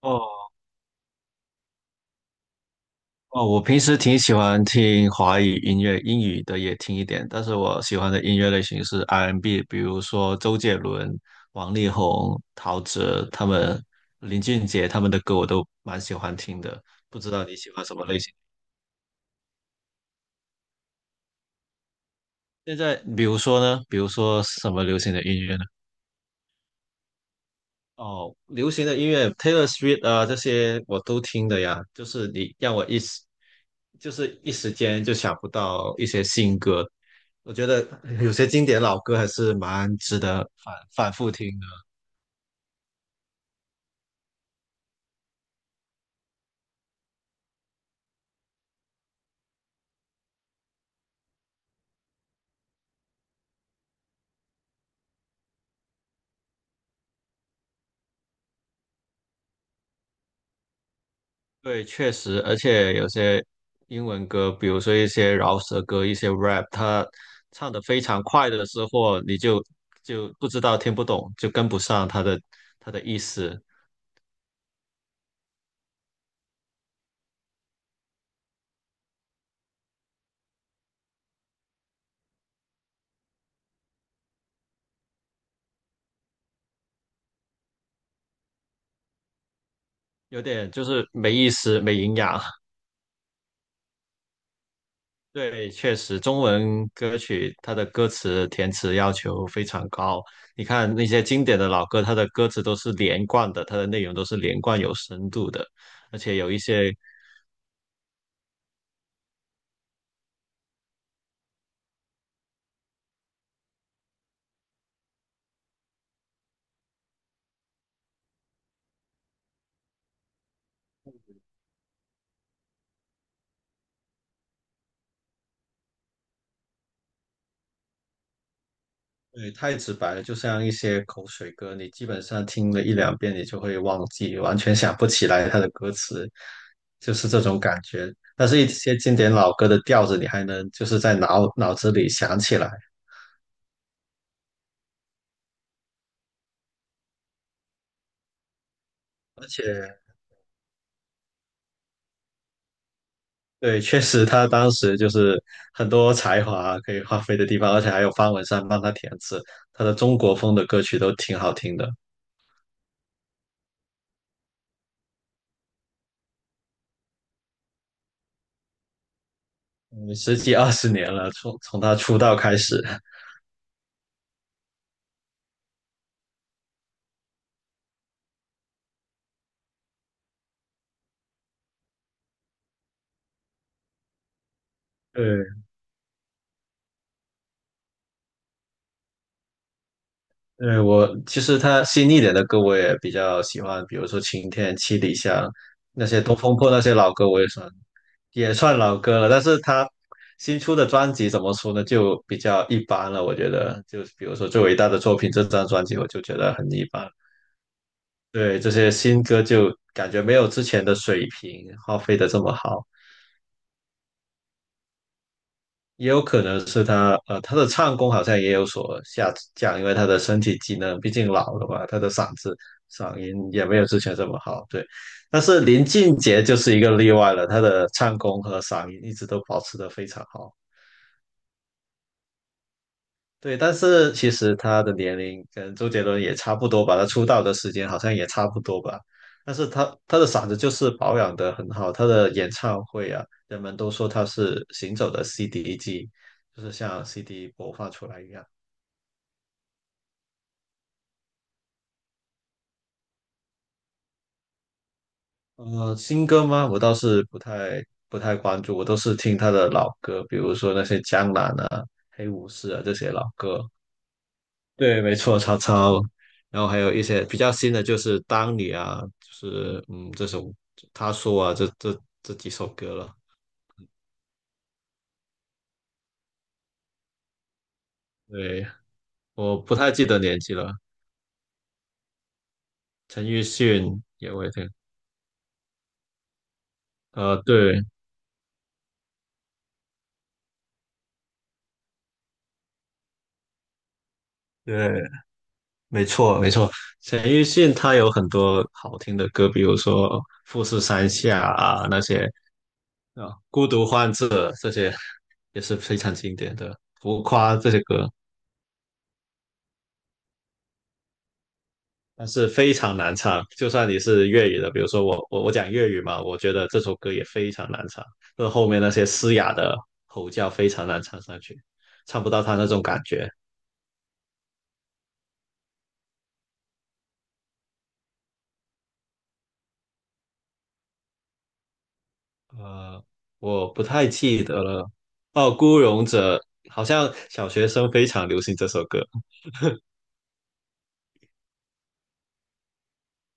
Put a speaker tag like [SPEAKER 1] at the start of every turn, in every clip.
[SPEAKER 1] 哦哦，我平时挺喜欢听华语音乐，英语的也听一点，但是我喜欢的音乐类型是 R&B，比如说周杰伦、王力宏、陶喆他们、林俊杰他们的歌我都蛮喜欢听的。不知道你喜欢什么类型？现在比如说呢？比如说什么流行的音乐呢？哦，流行的音乐，Taylor Swift 啊，这些我都听的呀。就是你让我一时，就是一时间就想不到一些新歌。我觉得有些经典老歌还是蛮值得反反复听的。对，确实，而且有些英文歌，比如说一些饶舌歌、一些 rap，他唱的非常快的时候，你就不知道听不懂，就跟不上他的意思，有点就是没意思、没营养。对，确实，中文歌曲它的歌词填词要求非常高。你看那些经典的老歌，它的歌词都是连贯的，它的内容都是连贯有深度的，而且有一些对太直白了，就像一些口水歌，你基本上听了一两遍，你就会忘记，完全想不起来它的歌词，就是这种感觉。但是，一些经典老歌的调子，你还能就是在脑子里想起来。而且。对，确实他当时就是很多才华可以发挥的地方，而且还有方文山帮他填词，他的中国风的歌曲都挺好听的。嗯，十几二十年了，从他出道开始。对，对，我其实他新一点的歌我也比较喜欢，比如说《晴天》《七里香》那些《东风破》那些老歌，我也算老歌了。但是他新出的专辑怎么说呢，就比较一般了，我觉得。就比如说最伟大的作品这张专辑，我就觉得很一般。对，这些新歌就感觉没有之前的水平发挥的这么好，也有可能是他的唱功好像也有所下降，因为他的身体机能毕竟老了嘛，他的嗓子嗓音也没有之前这么好。对，但是林俊杰就是一个例外了，他的唱功和嗓音一直都保持的非常好。对，但是其实他的年龄跟周杰伦也差不多吧，他出道的时间好像也差不多吧。但是他的嗓子就是保养得很好，他的演唱会啊，人们都说他是行走的 CD 机，就是像 CD 播放出来一样。呃，新歌吗？我倒是不太关注，我都是听他的老歌，比如说那些《江南》啊、《黑武士》啊这些老歌。对，没错，曹操。然后还有一些比较新的，就是《当你》啊，就是嗯，这首他说啊，这几首歌了。对，我不太记得年纪了。陈奕迅也会听，对对，没错没错。陈奕迅他有很多好听的歌，比如说《富士山下》啊那些啊，《孤独患者》这些也是非常经典的，《浮夸》这些歌。但是非常难唱。就算你是粤语的，比如说我讲粤语嘛，我觉得这首歌也非常难唱，就是后面那些嘶哑的吼叫非常难唱上去，唱不到他那种感觉。呃，我不太记得了。哦，《孤勇者》好像小学生非常流行这首歌，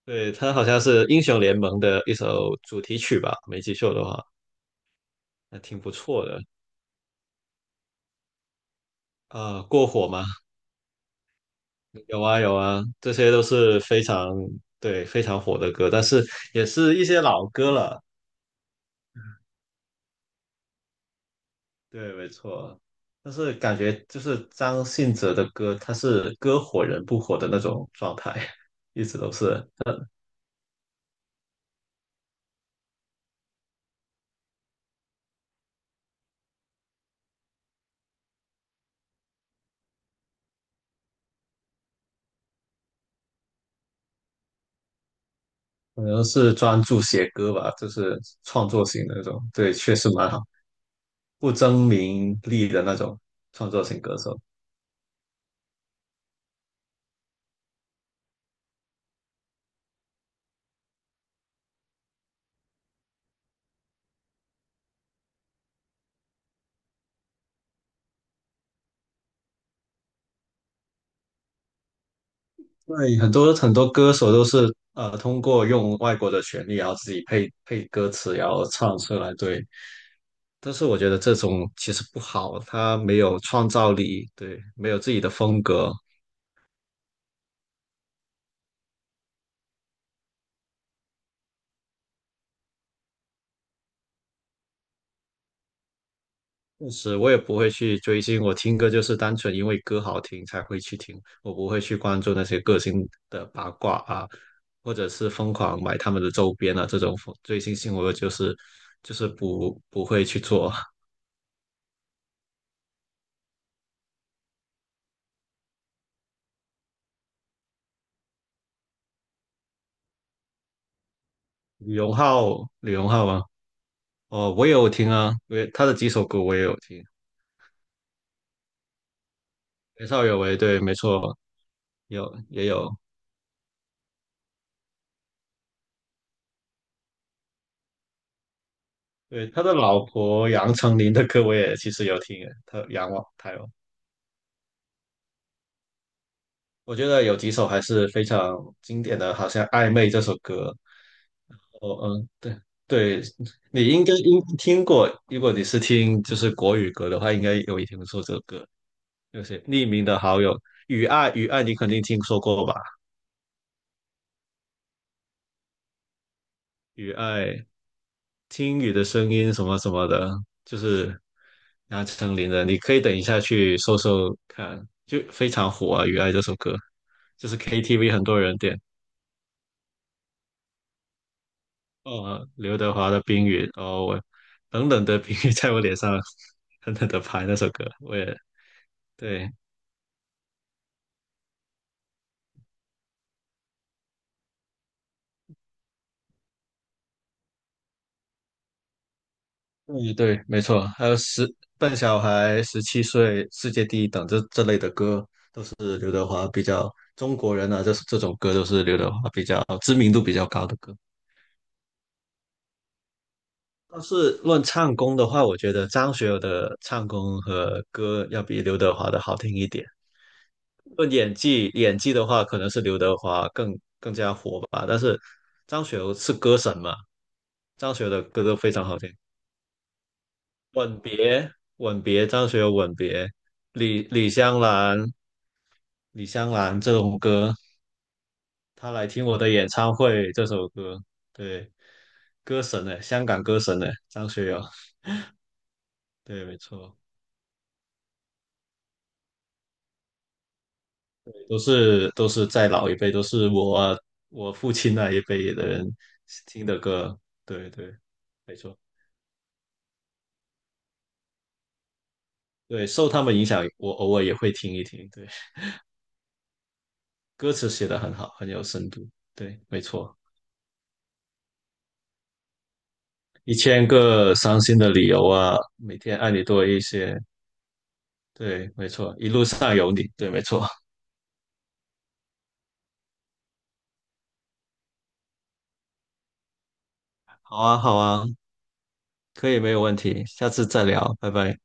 [SPEAKER 1] 对，它好像是英雄联盟的一首主题曲吧，没记错的话，还挺不错的。过火吗？有啊有啊，这些都是非常对非常火的歌，但是也是一些老歌了。对，没错。但是感觉就是张信哲的歌，他是歌火人不火的那种状态，一直都是，可能是专注写歌吧，就是创作型的那种。对，确实蛮好，不争名利的那种创作型歌手。对，很多很多歌手都是通过用外国的旋律，然后自己配歌词，然后唱出来。对，但是我觉得这种其实不好，他没有创造力，对，没有自己的风格。确实，我也不会去追星，我听歌就是单纯因为歌好听才会去听，我不会去关注那些歌星的八卦啊，或者是疯狂买他们的周边啊，这种追星行为我就是不会去做。李荣浩，李荣浩吗？哦，我也有听啊，因为他的几首歌我也有听。年少有为，对，没错，有也有。对，他的老婆杨丞琳的歌我也其实有听诶，他杨望台哦，我觉得有几首还是非常经典的，好像《暧昧》这首歌，哦嗯，对对，你应该应听过，如果你是听就是国语歌的话，应该有听说这首歌，就是匿名的好友，雨爱雨爱，你肯定听说过吧？雨爱听雨的声音什么什么的，就是杨丞琳的，你可以等一下去搜搜看，就非常火啊，《雨爱》这首歌，就是 KTV 很多人点，哦，刘德华的《冰雨》，哦，我冷冷的冰雨在我脸上狠狠的拍那首歌，我也对，嗯，对，没错，还有笨小孩、十七岁、世界第一等这类的歌，中国人啊，这种歌都是刘德华比较知名度比较高的歌。但是论唱功的话，我觉得张学友的唱功和歌要比刘德华的好听一点。论演技，演技的话，可能是刘德华更加火吧。但是张学友是歌神嘛，张学友的歌都非常好听。吻别，吻别，张学友吻别，李香兰，李香兰这种歌，他来听我的演唱会这首歌，对，歌神呢，香港歌神呢，张学友，对，没错。都是再老一辈，都是我父亲那一辈的人听的歌，对对，没错，对，受他们影响，我偶尔也会听一听，对，歌词写得很好，很有深度，对，没错，一千个伤心的理由啊，每天爱你多一些，对，没错，一路上有你，对，没错，好啊，好啊，可以，没有问题，下次再聊，拜拜。